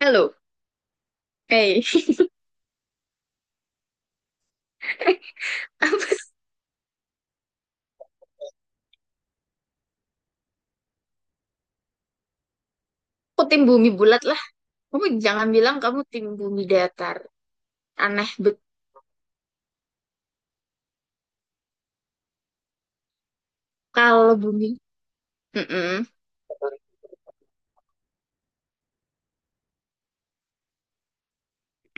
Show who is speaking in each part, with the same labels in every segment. Speaker 1: Halo, eh, apa sih? Aku tim bumi bulat lah. Kamu jangan bilang kamu tim bumi datar. Aneh bet kalau bumi. Mm-mm,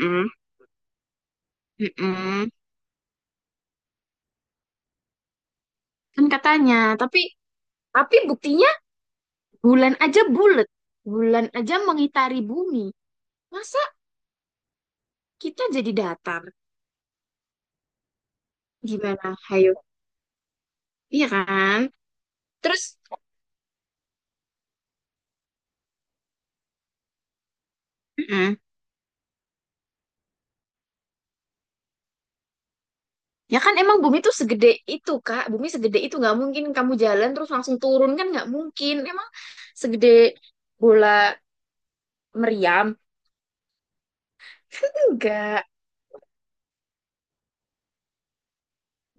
Speaker 1: mm-mm, mm-mm. Kan katanya, tapi tapi buktinya bulan aja bulat. Bulan aja mengitari bumi. Masa kita jadi datar? Gimana? Hayo. Iya kan? Terus, mm-mm. Ya kan emang bumi tuh segede itu, Kak. Bumi segede itu nggak mungkin kamu jalan terus langsung turun kan nggak mungkin. Emang segede bola meriam enggak.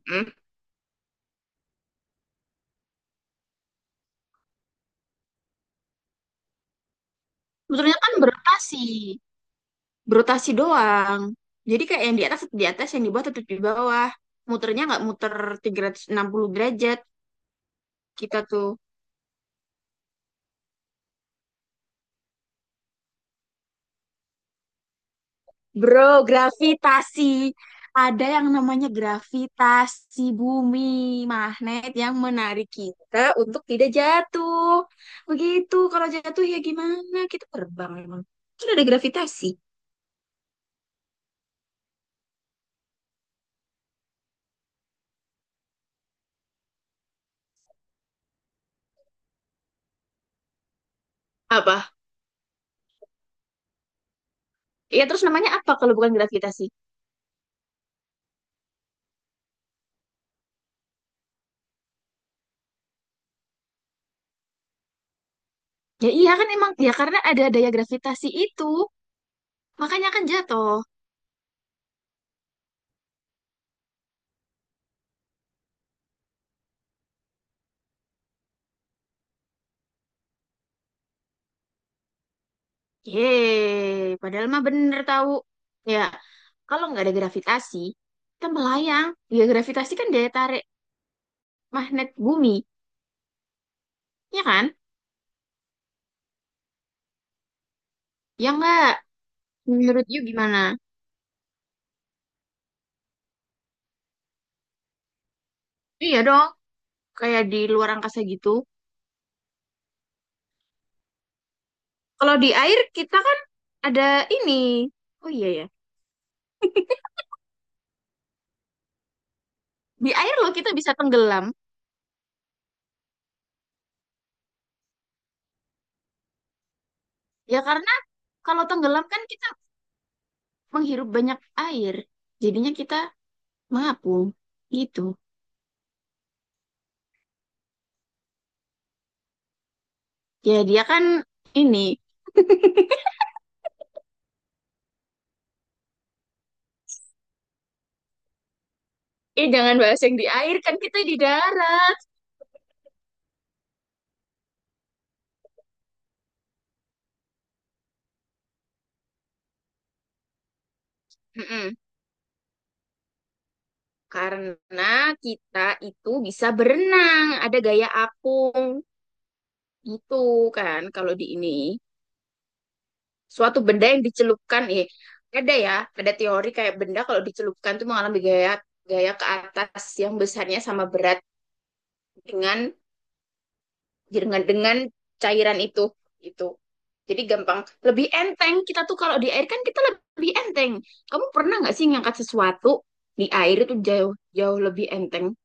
Speaker 1: Hmm. Sebetulnya kan berotasi berotasi doang, jadi kayak yang di atas tetap di atas, yang di bawah tetap di bawah. Muternya nggak muter 360 derajat. Kita tuh, bro, gravitasi. Ada yang namanya gravitasi bumi, magnet yang menarik kita untuk tidak jatuh. Begitu, kalau jatuh ya gimana, kita terbang emang? Kan ada gravitasi. Apa ya, terus namanya apa kalau bukan gravitasi? Ya iya kan emang, ya karena ada daya gravitasi itu, makanya kan jatuh. Yeay, padahal mah bener tahu. Ya, kalau nggak ada gravitasi, kita melayang. Ya gravitasi kan daya tarik magnet bumi, ya kan? Ya nggak? Menurut you gimana? Iya dong, kayak di luar angkasa gitu. Kalau di air kita kan ada ini. Oh iya ya, di air loh kita bisa tenggelam. Ya karena kalau tenggelam kan kita menghirup banyak air. Jadinya kita mengapung gitu. Ya dia kan ini, jangan bahas yang di air, kan kita di darat. Mm-mm. Karena kita itu bisa berenang, ada gaya apung gitu kan. Kalau di ini suatu benda yang dicelupkan, ada ya, ada teori kayak benda kalau dicelupkan tuh mengalami gaya gaya ke atas yang besarnya sama berat dengan dengan cairan itu. itu jadi gampang, lebih enteng kita tuh kalau di air, kan kita lebih enteng. Kamu pernah nggak sih ngangkat sesuatu di air, itu jauh jauh lebih enteng,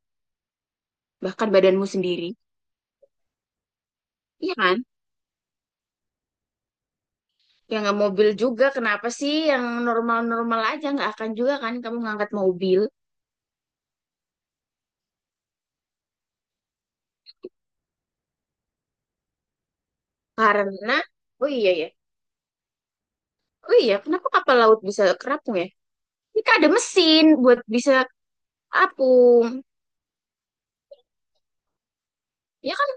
Speaker 1: bahkan badanmu sendiri. Iya kan? Yang nggak mobil juga, kenapa sih, yang normal-normal aja nggak akan juga kan kamu ngangkat mobil. Karena oh iya ya, oh iya kenapa kapal laut bisa kerapung ya? Kita ada mesin buat bisa apung. Ya kan,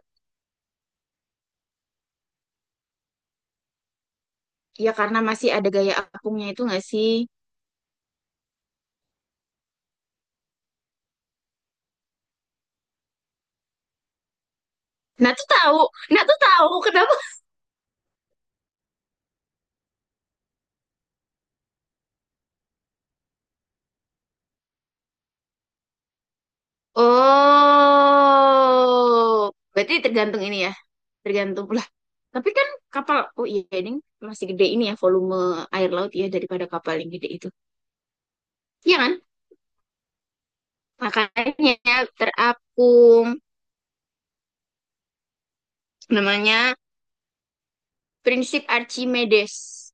Speaker 1: ya karena masih ada gaya apungnya itu nggak sih? Nah tuh tahu, nah tuh tahu kenapa? Oh, berarti tergantung ini ya, tergantung lah. Tapi kan kapal, oh iya ini masih gede ini ya, volume air laut ya daripada kapal yang gede itu, iya kan? Makanya terapung, namanya prinsip Archimedes.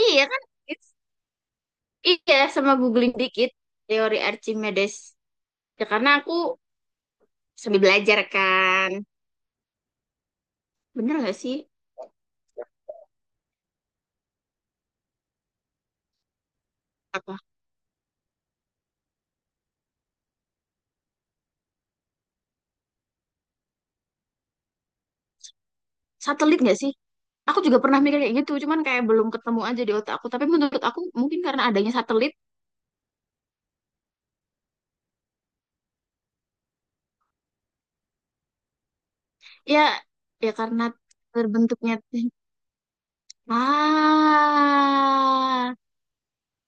Speaker 1: Iya kan? It's- Iya, sama googling dikit teori Archimedes. Ya karena aku sambil belajar kan, bener nggak sih? Apa? Satelit nggak sih? Aku juga pernah mikir kayak gitu, cuman kayak belum ketemu aja di otak aku. Tapi menurut aku mungkin karena adanya satelit, ya ya karena terbentuknya ah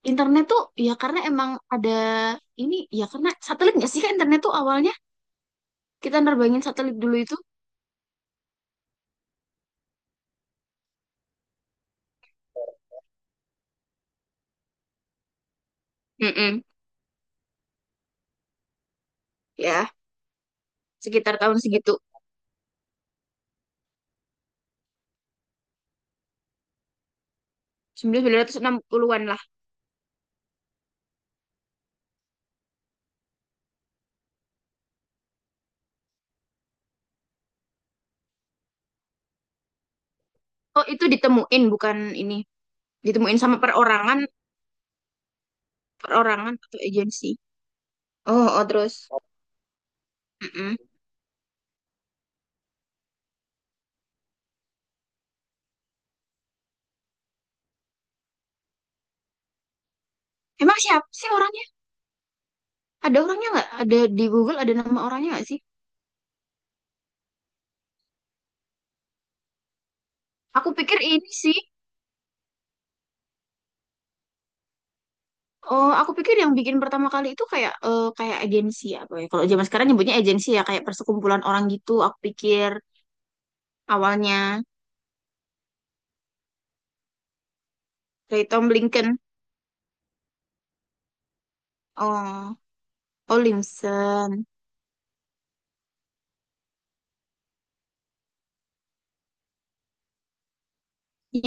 Speaker 1: internet tuh, ya karena emang ada ini, ya karena satelit nggak sih. Kan internet tuh awalnya kita nerbangin satelit dulu itu. Mm-mm. Ya, sekitar tahun segitu 1960-an lah. Oh, itu ditemuin bukan ini. Ditemuin sama perorangan, perorangan atau agensi. Oh, oh terus. Mm-mm. Emang siapa sih orangnya? Ada orangnya nggak? Ada di Google, ada nama orangnya nggak sih? Aku pikir ini sih. Oh, aku pikir yang bikin pertama kali itu kayak, kayak agensi apa ya? Kalau zaman sekarang nyebutnya agensi ya, kayak persekumpulan orang gitu. Aku pikir awalnya dari Tom Lincoln. Oh, oh Limson.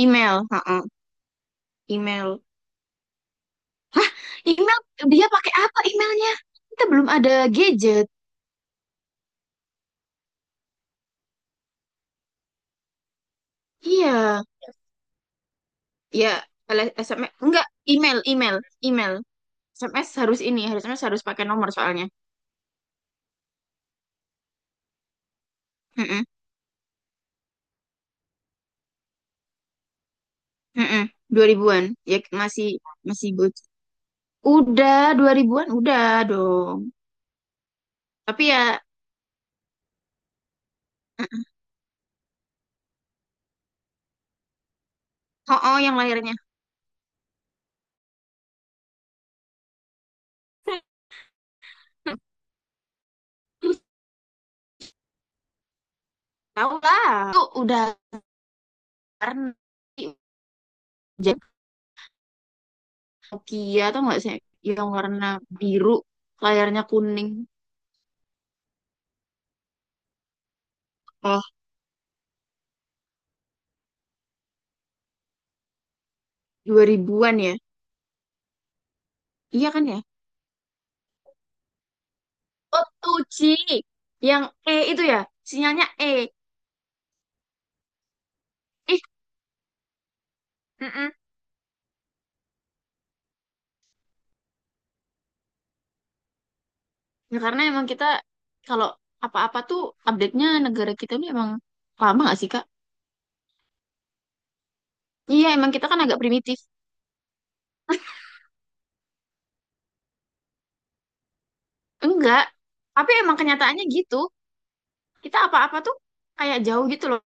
Speaker 1: Email, heeh, Email. Email dia pakai apa emailnya? Kita belum ada gadget. Iya, ya SMS enggak, email, email, email. SMS harus ini, harus SMS harus pakai nomor soalnya. Mm-mm, 2000-an. Ya masih masih bocah. Udah 2000-an udah dong. Tapi ya oh, oh yang lahirnya tahu lah. Itu udah warna jadi Nokia tuh nggak sih, yang warna biru layarnya kuning. Oh, 2000-an ya. Iya kan ya? Oh, 2G. Yang E itu ya, sinyalnya E. Ih, mm-mm. Ya, karena emang kita kalau apa-apa tuh update-nya negara kita ini emang lama gak sih, Kak? Iya, emang kita kan agak primitif. Enggak, tapi emang kenyataannya gitu. Kita apa-apa tuh kayak jauh gitu loh.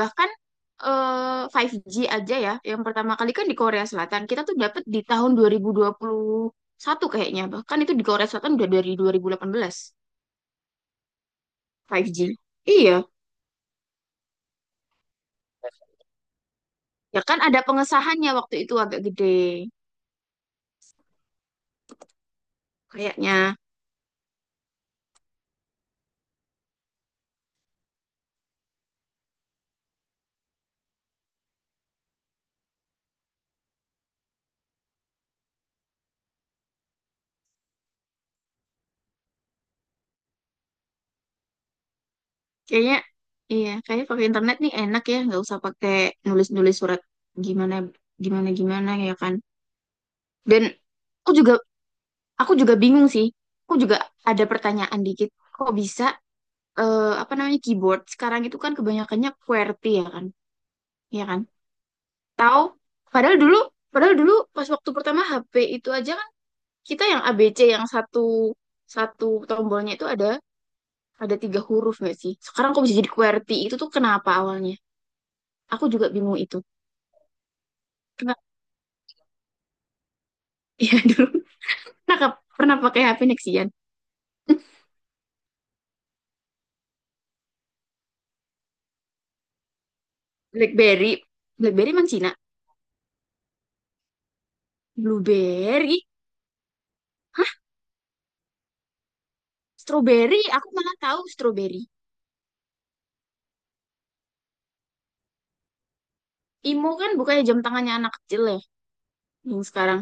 Speaker 1: Bahkan eh, 5G aja ya, yang pertama kali kan di Korea Selatan. Kita tuh dapet di tahun dua 2021 kayaknya. Bahkan itu di Korea Selatan udah dari 2018 5G. Iya, ya kan ada pengesahannya waktu itu agak gede. Kayaknya, kayaknya, iya, kayaknya pakai internet nih enak ya, nggak usah pakai nulis-nulis surat gimana gimana gimana ya kan. Dan aku juga aku juga bingung sih. Aku juga ada pertanyaan dikit. Kok bisa apa namanya keyboard sekarang itu kan kebanyakannya QWERTY ya kan? Ya kan? Tahu padahal dulu padahal dulu pas waktu pertama HP itu aja kan, kita yang ABC yang satu satu tombolnya itu ada tiga huruf nggak sih? Sekarang kok bisa jadi QWERTY itu tuh kenapa awalnya? Aku juga bingung itu. Kenapa? Iya dulu. Nah, pernah pakai HP Nexian? BlackBerry. BlackBerry mana Cina? Blueberry. Strawberry, aku malah tahu strawberry. Imo kan bukannya jam tangannya anak kecil ya, yang sekarang.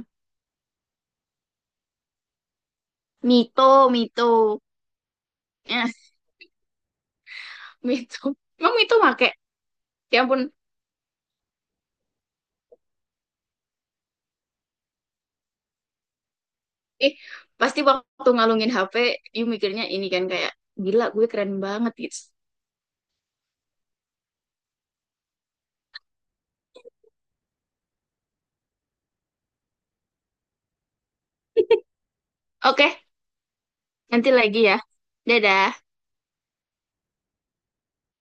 Speaker 1: Mito, Mito. Eh, Mito. Emang Mito make? Ya ampun. Eh, pasti waktu ngalungin HP, you mikirnya ini kan kayak, gila gue keren banget gitu. Oke, nanti lagi ya. Dadah.